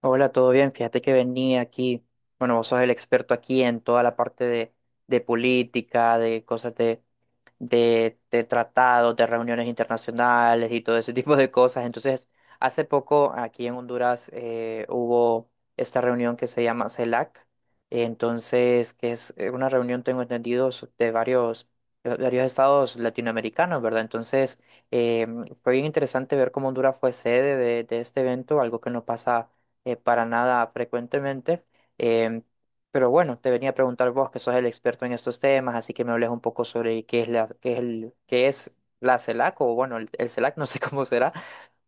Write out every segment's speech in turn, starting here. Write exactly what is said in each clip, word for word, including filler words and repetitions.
Hola, ¿todo bien? Fíjate que venía aquí, bueno, vos sos el experto aquí en toda la parte de, de política, de cosas de, de, de tratados, de reuniones internacionales y todo ese tipo de cosas. Entonces, hace poco aquí en Honduras eh, hubo esta reunión que se llama CELAC, entonces, que es eh, una reunión, tengo entendido, s- de varios, de varios estados latinoamericanos, ¿verdad? Entonces, eh, fue bien interesante ver cómo Honduras fue sede de, de este evento, algo que no pasa eh, para nada frecuentemente. em, pero bueno, te venía a preguntar vos, que sos el experto en estos temas, así que me hables un poco sobre qué es la, qué es el, qué es la CELAC, o bueno, el, el CELAC, no sé cómo será,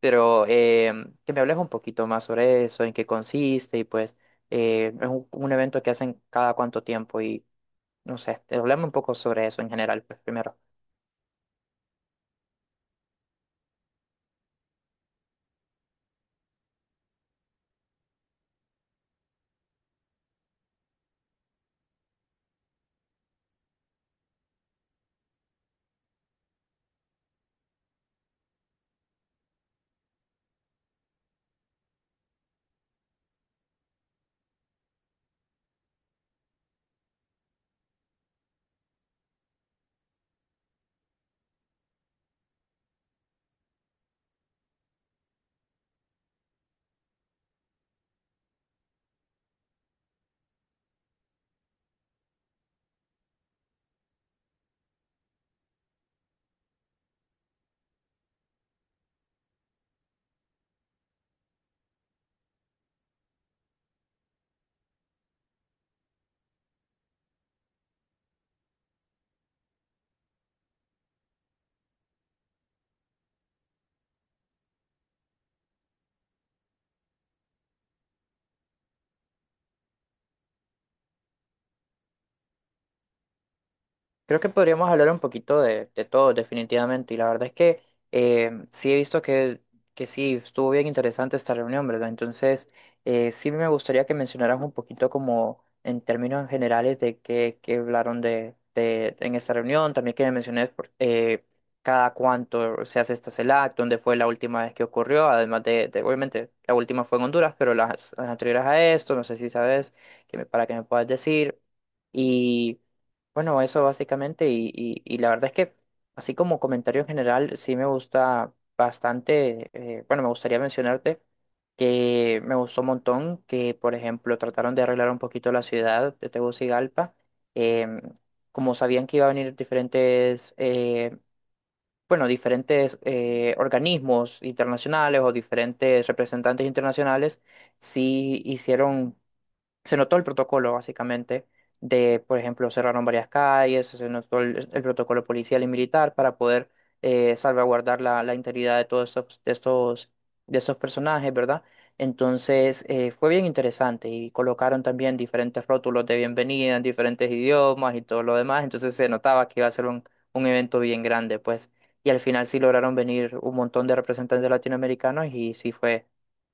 pero em, que me hables un poquito más sobre eso, en qué consiste, y pues eh, es un, un evento que hacen cada cuánto tiempo, y no sé, te hablame un poco sobre eso en general, pues, primero. Creo que podríamos hablar un poquito de, de todo, definitivamente. Y la verdad es que eh, sí he visto que, que sí, estuvo bien interesante esta reunión, ¿verdad? Entonces, eh, sí me gustaría que mencionaras un poquito como en términos generales de qué, qué hablaron de, de- en esta reunión. También que me menciones por- eh, cada cuánto se hace esta CELAC, dónde fue la última vez que ocurrió, además de, de, obviamente, la última fue en Honduras, pero las, las anteriores a esto, no sé si sabes, que me- para que me puedas decir. Bueno, eso básicamente, y, y, y la verdad es que, así como comentario en general, sí me gusta bastante, eh, bueno, me gustaría mencionarte que me gustó un montón que, por ejemplo, trataron de arreglar un poquito la ciudad de Tegucigalpa, em, como sabían que iba a venir diferentes, eh, bueno, diferentes eh, organismos internacionales o diferentes representantes internacionales, sí hicieron, se notó el protocolo, básicamente, de, por ejemplo, cerraron varias calles, se notó el, el protocolo policial y militar para poder eh, salvaguardar la, la integridad de todos estos, de estos, de estos personajes, ¿verdad? Entonces, eh, fue bien interesante y colocaron también diferentes rótulos de bienvenida en diferentes idiomas y todo lo demás, entonces se notaba que iba a ser un, un evento bien grande, pues, y al final sí lograron venir un montón de representantes latinoamericanos y sí fue,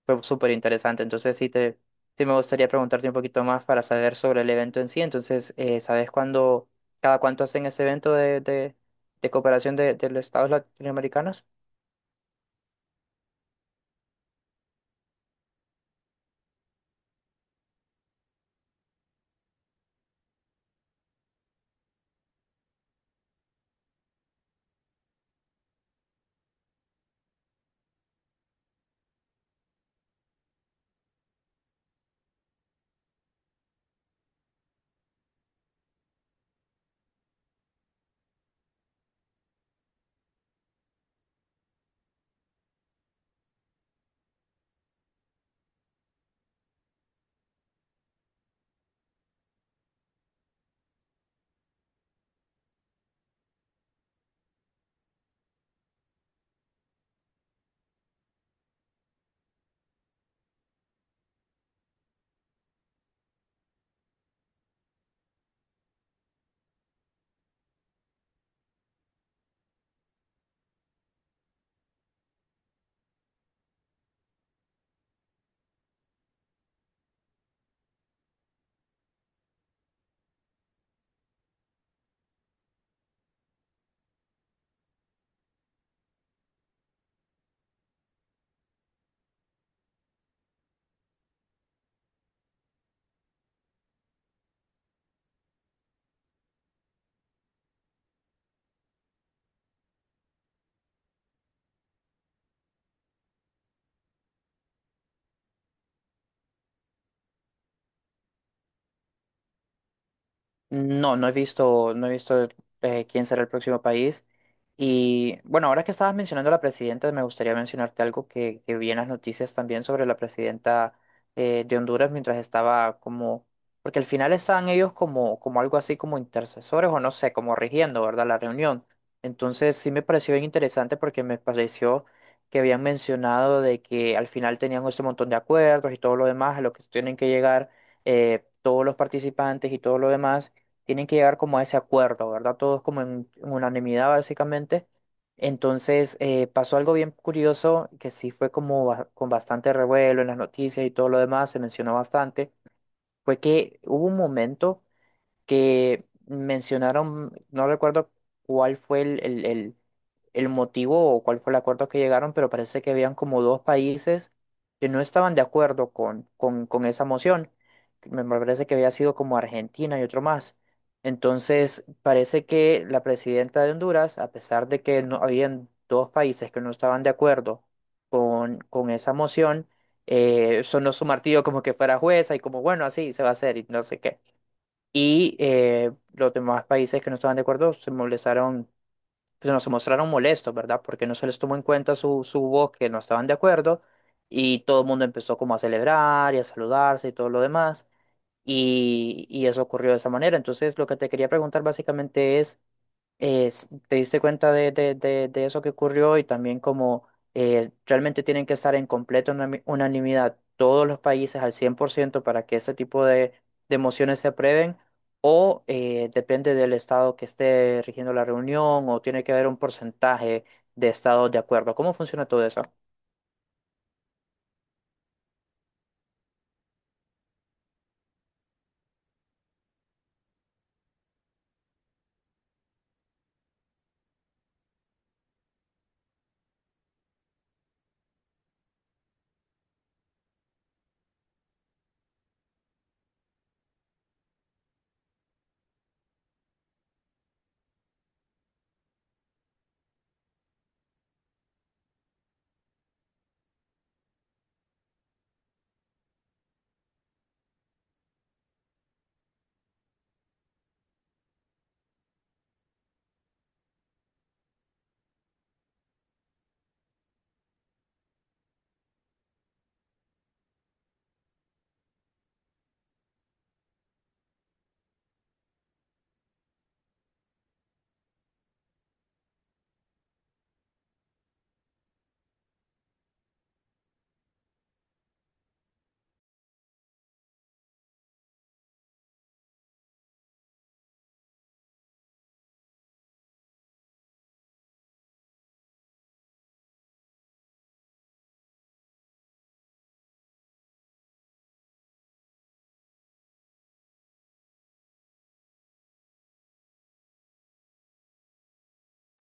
fue súper interesante, entonces sí te. Sí, me gustaría preguntarte un poquito más para saber sobre el evento en sí. Entonces, eh, ¿sabes cuándo, cada cuánto hacen ese evento de, de, de cooperación de, de los estados latinoamericanos? No, no he visto, no he visto eh, quién será el próximo país. Y bueno, ahora que estabas mencionando a la presidenta, me gustaría mencionarte algo que, que vi en las noticias también sobre la presidenta eh, de Honduras mientras estaba como, porque al final estaban ellos como, como algo así como intercesores o no sé, como rigiendo, ¿verdad? La reunión. Entonces sí me pareció bien interesante porque me pareció que habían mencionado de que al final tenían este montón de acuerdos y todo lo demás a lo que tienen que llegar eh, todos los participantes y todo lo demás tienen que llegar como a ese acuerdo, ¿verdad? Todos como en, en unanimidad básicamente. Entonces eh, pasó algo bien curioso que sí fue como ba- con bastante revuelo en las noticias y todo lo demás, se mencionó bastante, fue que hubo un momento que mencionaron, no recuerdo cuál fue el, el, el- el motivo o cuál fue el acuerdo que llegaron, pero parece que habían como dos países que no estaban de acuerdo con, con, con esa moción. Me me parece que había sido como Argentina y otro más. Entonces, parece que la presidenta de Honduras, a pesar de que no habían dos países que no estaban de acuerdo con, con esa moción, eh, sonó su martillo como que fuera jueza y como, bueno, así se va a hacer y no sé qué. Y eh, los demás países que no estaban de acuerdo se molestaron, pues, no, se mostraron molestos, ¿verdad? Porque no se les tomó en cuenta su, su voz, que no estaban de acuerdo, y todo el mundo empezó como a celebrar y a saludarse y todo lo demás, y, y eso ocurrió de esa manera. Entonces, lo que te quería preguntar básicamente es, eh, s- te diste cuenta de, de- de- de eso que ocurrió y también como eh, realmente tienen que estar en completa unami- unanimidad todos los países al cien por ciento para que ese tipo de, de mociones se aprueben o eh, depende del estado que esté rigiendo la reunión o tiene que haber un porcentaje de estados de acuerdo. ¿Cómo funciona todo eso?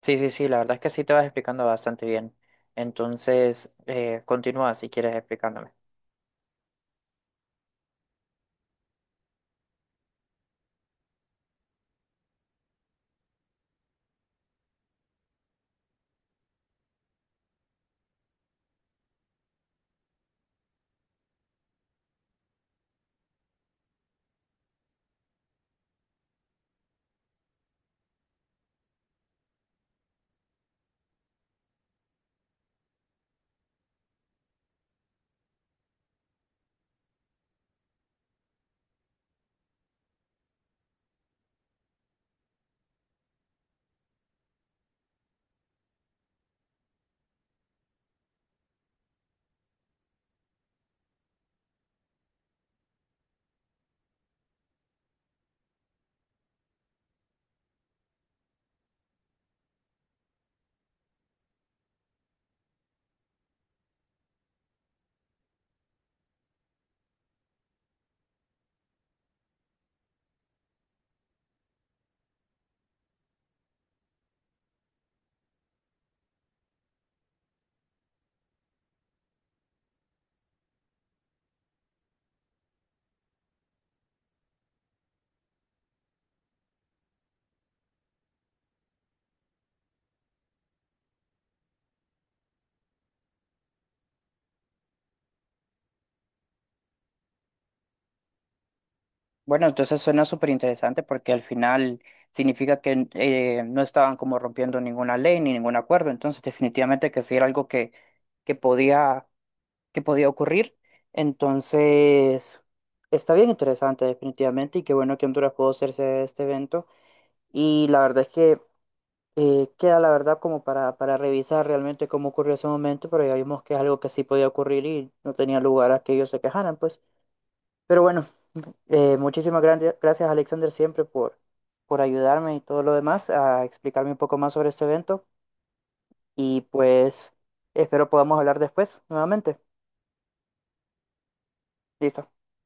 Sí, sí, sí, la verdad es que sí te vas explicando bastante bien. Entonces, eh, continúa si quieres explicándome. Bueno, entonces suena súper interesante porque al final significa que eh, no estaban como rompiendo ninguna ley ni ningún acuerdo, entonces definitivamente que sí era algo que, que podía, que podía ocurrir. Entonces, está bien interesante definitivamente y qué bueno que Honduras pudo hacerse este evento. Y la verdad es que eh, queda la verdad como para, para revisar realmente cómo ocurrió ese momento, pero ya vimos que es algo que sí podía ocurrir y no tenía lugar a que ellos se quejaran, pues. Pero bueno, eh, muchísimas gran- gracias, Alexander, siempre por, por ayudarme y todo lo demás a explicarme un poco más sobre este evento, y pues espero podamos hablar después nuevamente. Listo.